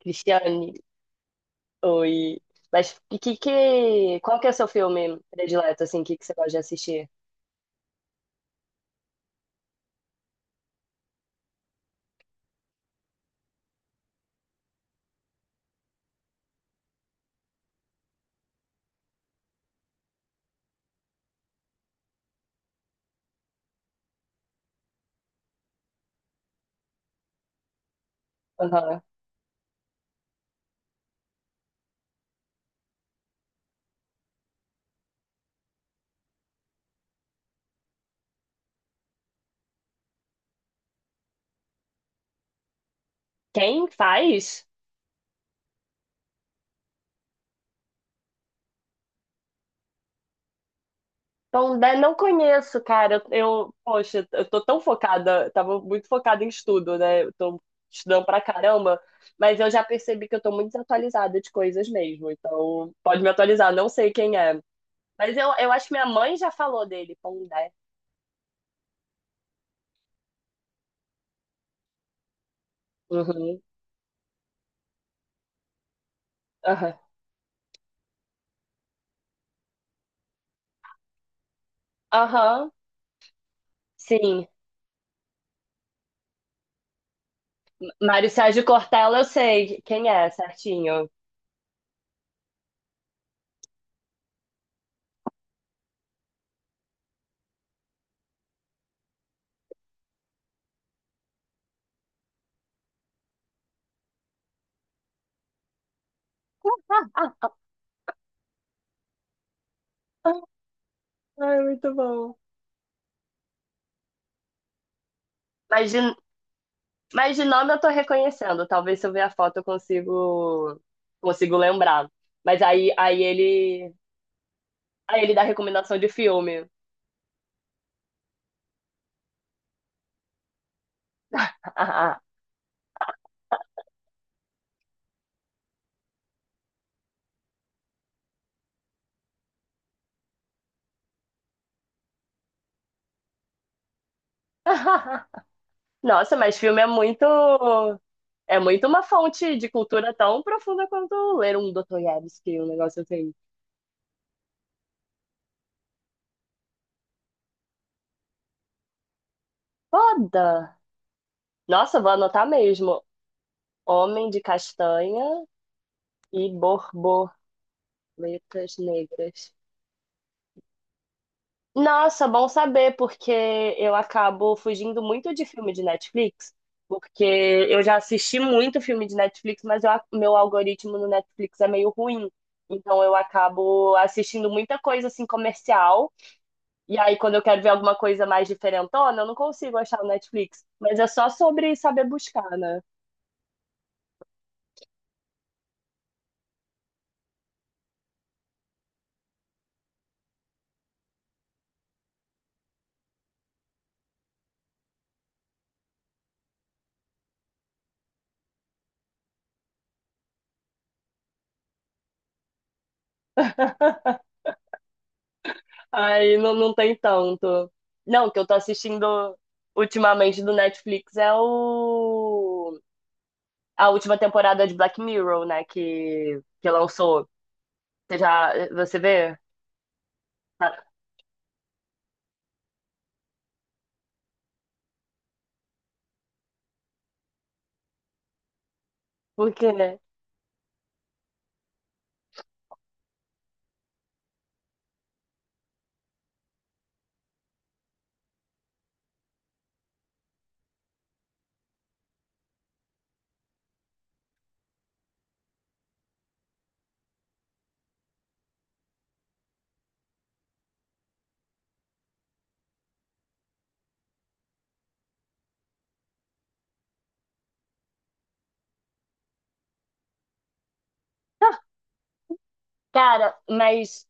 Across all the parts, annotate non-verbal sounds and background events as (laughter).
Cristiane, oi. Mas qual que é o seu filme predileto, assim, que você gosta de assistir? Aham. Quem faz? Então, né, não conheço, cara. Poxa, eu tô tão focada, tava muito focada em estudo, né? Eu tô estudando pra caramba, mas eu já percebi que eu tô muito desatualizada de coisas mesmo. Então, pode me atualizar, não sei quem é. Mas eu acho que minha mãe já falou dele, Pondé. Uhum. Aham. Aham. Sim. Mário Sérgio Cortella, eu sei quem é, certinho. Ah, ai, muito bom. mas de, mas de nome eu tô reconhecendo. Talvez se eu ver a foto eu consigo lembrar. Mas aí ele, aí ele dá recomendação de filme. (laughs) Nossa, mas é muito uma fonte de cultura tão profunda quanto ler um Dostoiévski, um negócio assim. Foda! Nossa, vou anotar mesmo. Homem de Castanha e Borbô. Letras negras. Nossa, bom saber, porque eu acabo fugindo muito de filme de Netflix, porque eu já assisti muito filme de Netflix, mas eu- meu algoritmo no Netflix é meio ruim. Então eu acabo assistindo muita coisa assim comercial, e aí quando eu quero ver alguma coisa mais diferentona, eu não consigo achar no Netflix. Mas é só sobre saber buscar, né? Aí não tem tanto. Não, o que eu tô assistindo ultimamente do Netflix é o a última temporada de Black Mirror, né? Que lançou. Você já. Você vê? Ah, por quê, né? Ah, cara, mas.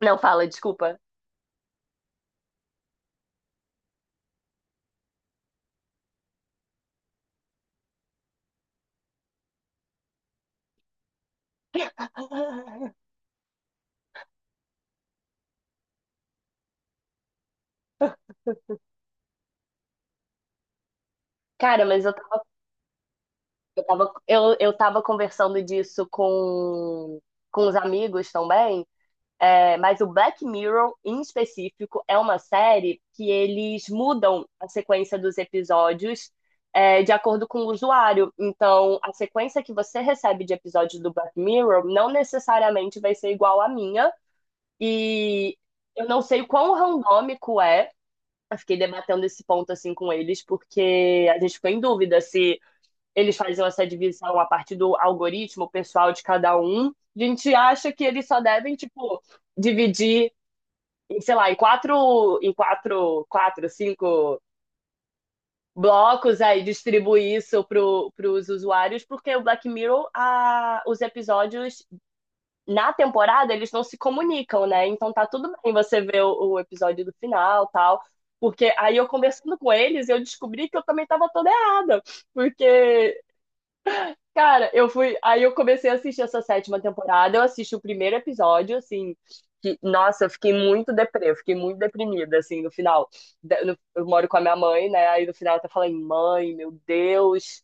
Não, fala, desculpa. Cara, mas eu tava conversando disso com os amigos também. É, mas o Black Mirror, em específico, é uma série que eles mudam a sequência dos episódios é, de acordo com o usuário. Então, a sequência que você recebe de episódios do Black Mirror não necessariamente vai ser igual à minha. E eu não sei o quão randômico é. Eu fiquei debatendo esse ponto assim com eles, porque a gente ficou em dúvida se eles faziam essa divisão a partir do algoritmo pessoal de cada um. A gente acha que eles só devem, tipo, dividir em, sei lá, em quatro, cinco blocos, aí distribuir isso pro os usuários, porque o Black Mirror, a, os episódios na temporada, eles não se comunicam, né? Então tá tudo bem você ver o episódio do final tal. Porque aí eu conversando com eles, eu descobri que eu também estava toda errada. Porque cara, eu fui. Aí eu comecei a assistir essa sétima temporada. Eu assisti o primeiro episódio, assim. Que, nossa, eu fiquei muito deprimida, assim, no final. De- no- Eu moro com a minha mãe, né? Aí no final eu até falei, mãe, meu Deus.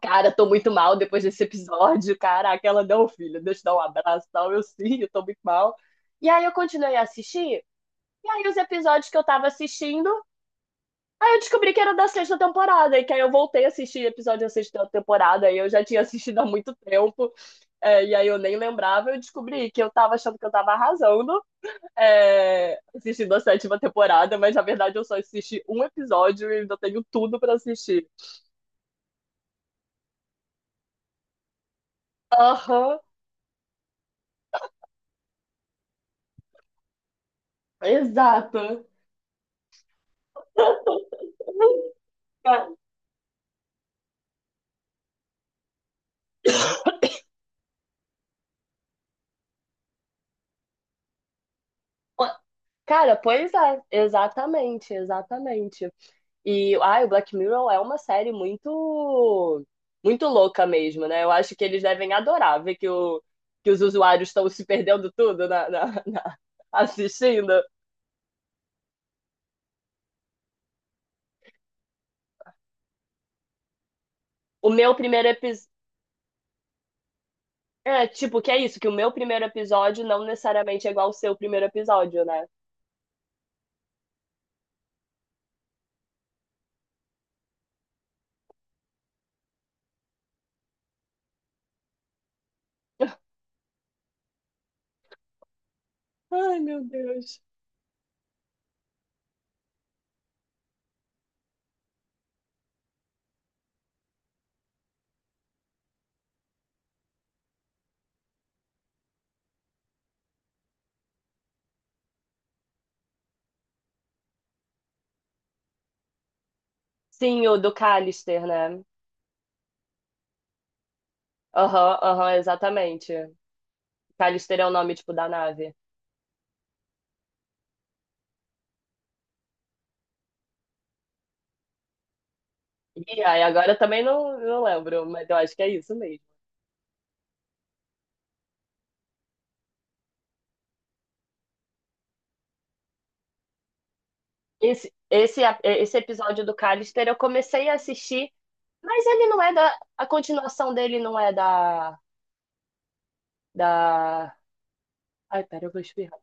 Cara, tô muito mal depois desse episódio. Caraca, ela não, filha, deixa eu dar um abraço e tal. Eu sim, eu tô muito mal. E aí eu continuei a assistir. E aí os episódios que eu tava assistindo, aí eu descobri que era da sexta temporada. E que aí eu voltei a assistir episódio da sexta temporada. E eu já tinha assistido há muito tempo. É, e aí eu nem lembrava, eu descobri que eu tava achando que eu tava arrasando, é, assistindo a sétima temporada, mas na verdade eu só assisti um episódio e ainda tenho tudo pra assistir. Aham, exato. (laughs) Cara, pois é, exatamente, exatamente. E ai, o Black Mirror é uma série muito louca mesmo, né? Eu acho que eles devem adorar ver que os usuários estão se perdendo tudo (laughs) assistindo. O meu primeiro episódio. É, tipo, que é isso, que o meu primeiro episódio não necessariamente é igual ao seu primeiro episódio, né? Ai, meu Deus. Sim, o do Callister, né? Aham, aham, exatamente. Callister é o nome, tipo, da nave. E aí, agora eu também não lembro, mas eu acho que é isso mesmo. Esse episódio do Callister eu comecei a assistir, mas ele não é da. A continuação dele não é da. Da. Ai, pera, eu vou espirrar.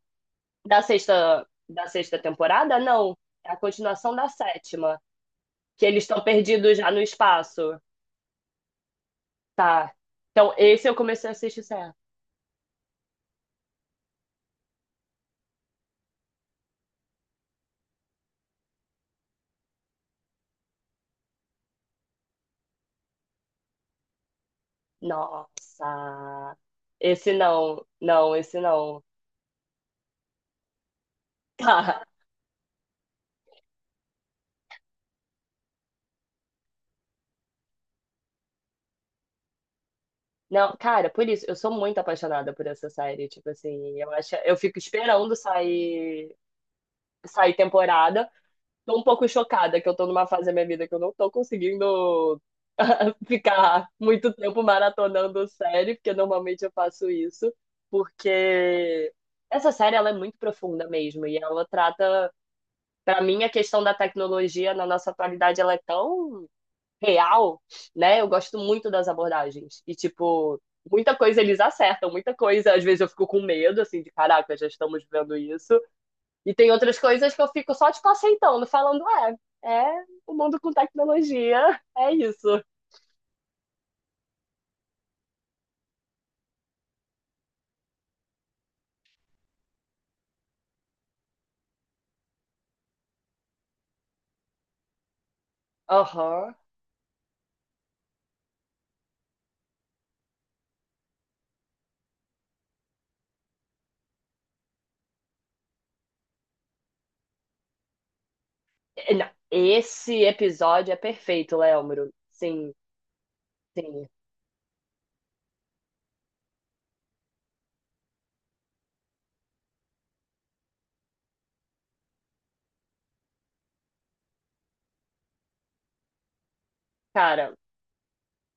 Da sexta temporada? Não. É a continuação da sétima. Que eles estão perdidos já no espaço. Tá. Então, esse eu comecei a assistir certo. Nossa. Esse não. Não, esse não. (laughs) Tá. Não, cara, por isso, eu sou muito apaixonada por essa série. Tipo assim, eu acho, eu fico esperando sair temporada. Tô um pouco chocada que eu tô numa fase da minha vida que eu não tô conseguindo ficar muito tempo maratonando série, porque normalmente eu faço isso, porque essa série ela é muito profunda mesmo e ela trata, para mim, a questão da tecnologia na nossa atualidade ela é tão real, né? Eu gosto muito das abordagens e tipo muita coisa eles acertam, muita coisa. Às vezes eu fico com medo, assim, de caraca, já estamos vendo isso. E tem outras coisas que eu fico só, tipo, aceitando, falando, é, é o mundo com tecnologia, é isso. Aham. Não, esse episódio é perfeito, Léomuro. Sim, sim. Cara,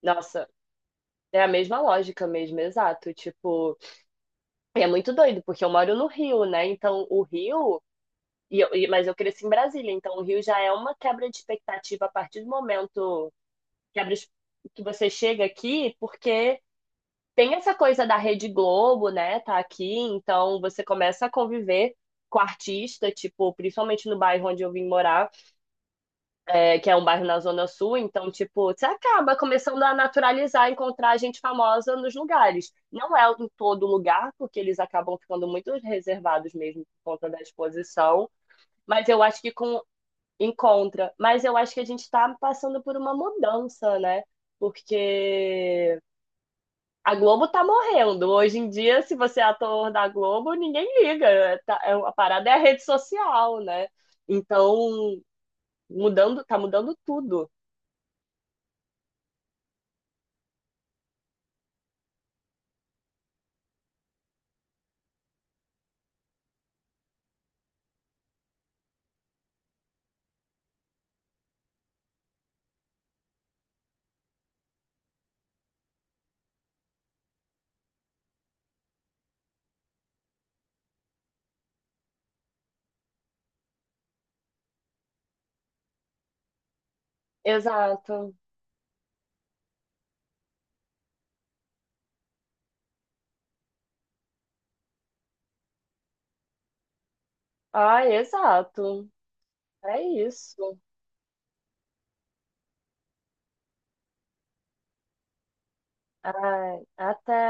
nossa, é a mesma lógica mesmo, exato. Tipo, é muito doido, porque eu moro no Rio, né? Então, o Rio. E eu- e- mas eu cresci em Brasília, então o Rio já é uma quebra de expectativa a partir do momento quebra es- que você chega aqui, porque tem essa coisa da Rede Globo, né? Tá aqui, então você começa a conviver com artista, tipo, principalmente no bairro onde eu vim morar é, que é um bairro na Zona Sul, então, tipo, você acaba começando a naturalizar, encontrar gente famosa nos lugares. Não é em todo lugar, porque eles acabam ficando muito reservados mesmo por conta da exposição, mas eu acho que com encontra. Mas eu acho que a gente está passando por uma mudança, né? Porque a Globo tá morrendo. Hoje em dia, se você é ator da Globo, ninguém liga. É, tá- é- A parada é a rede social, né? Então, mudando, tá mudando tudo. Exato. Ai, exato. É isso. Ai, até.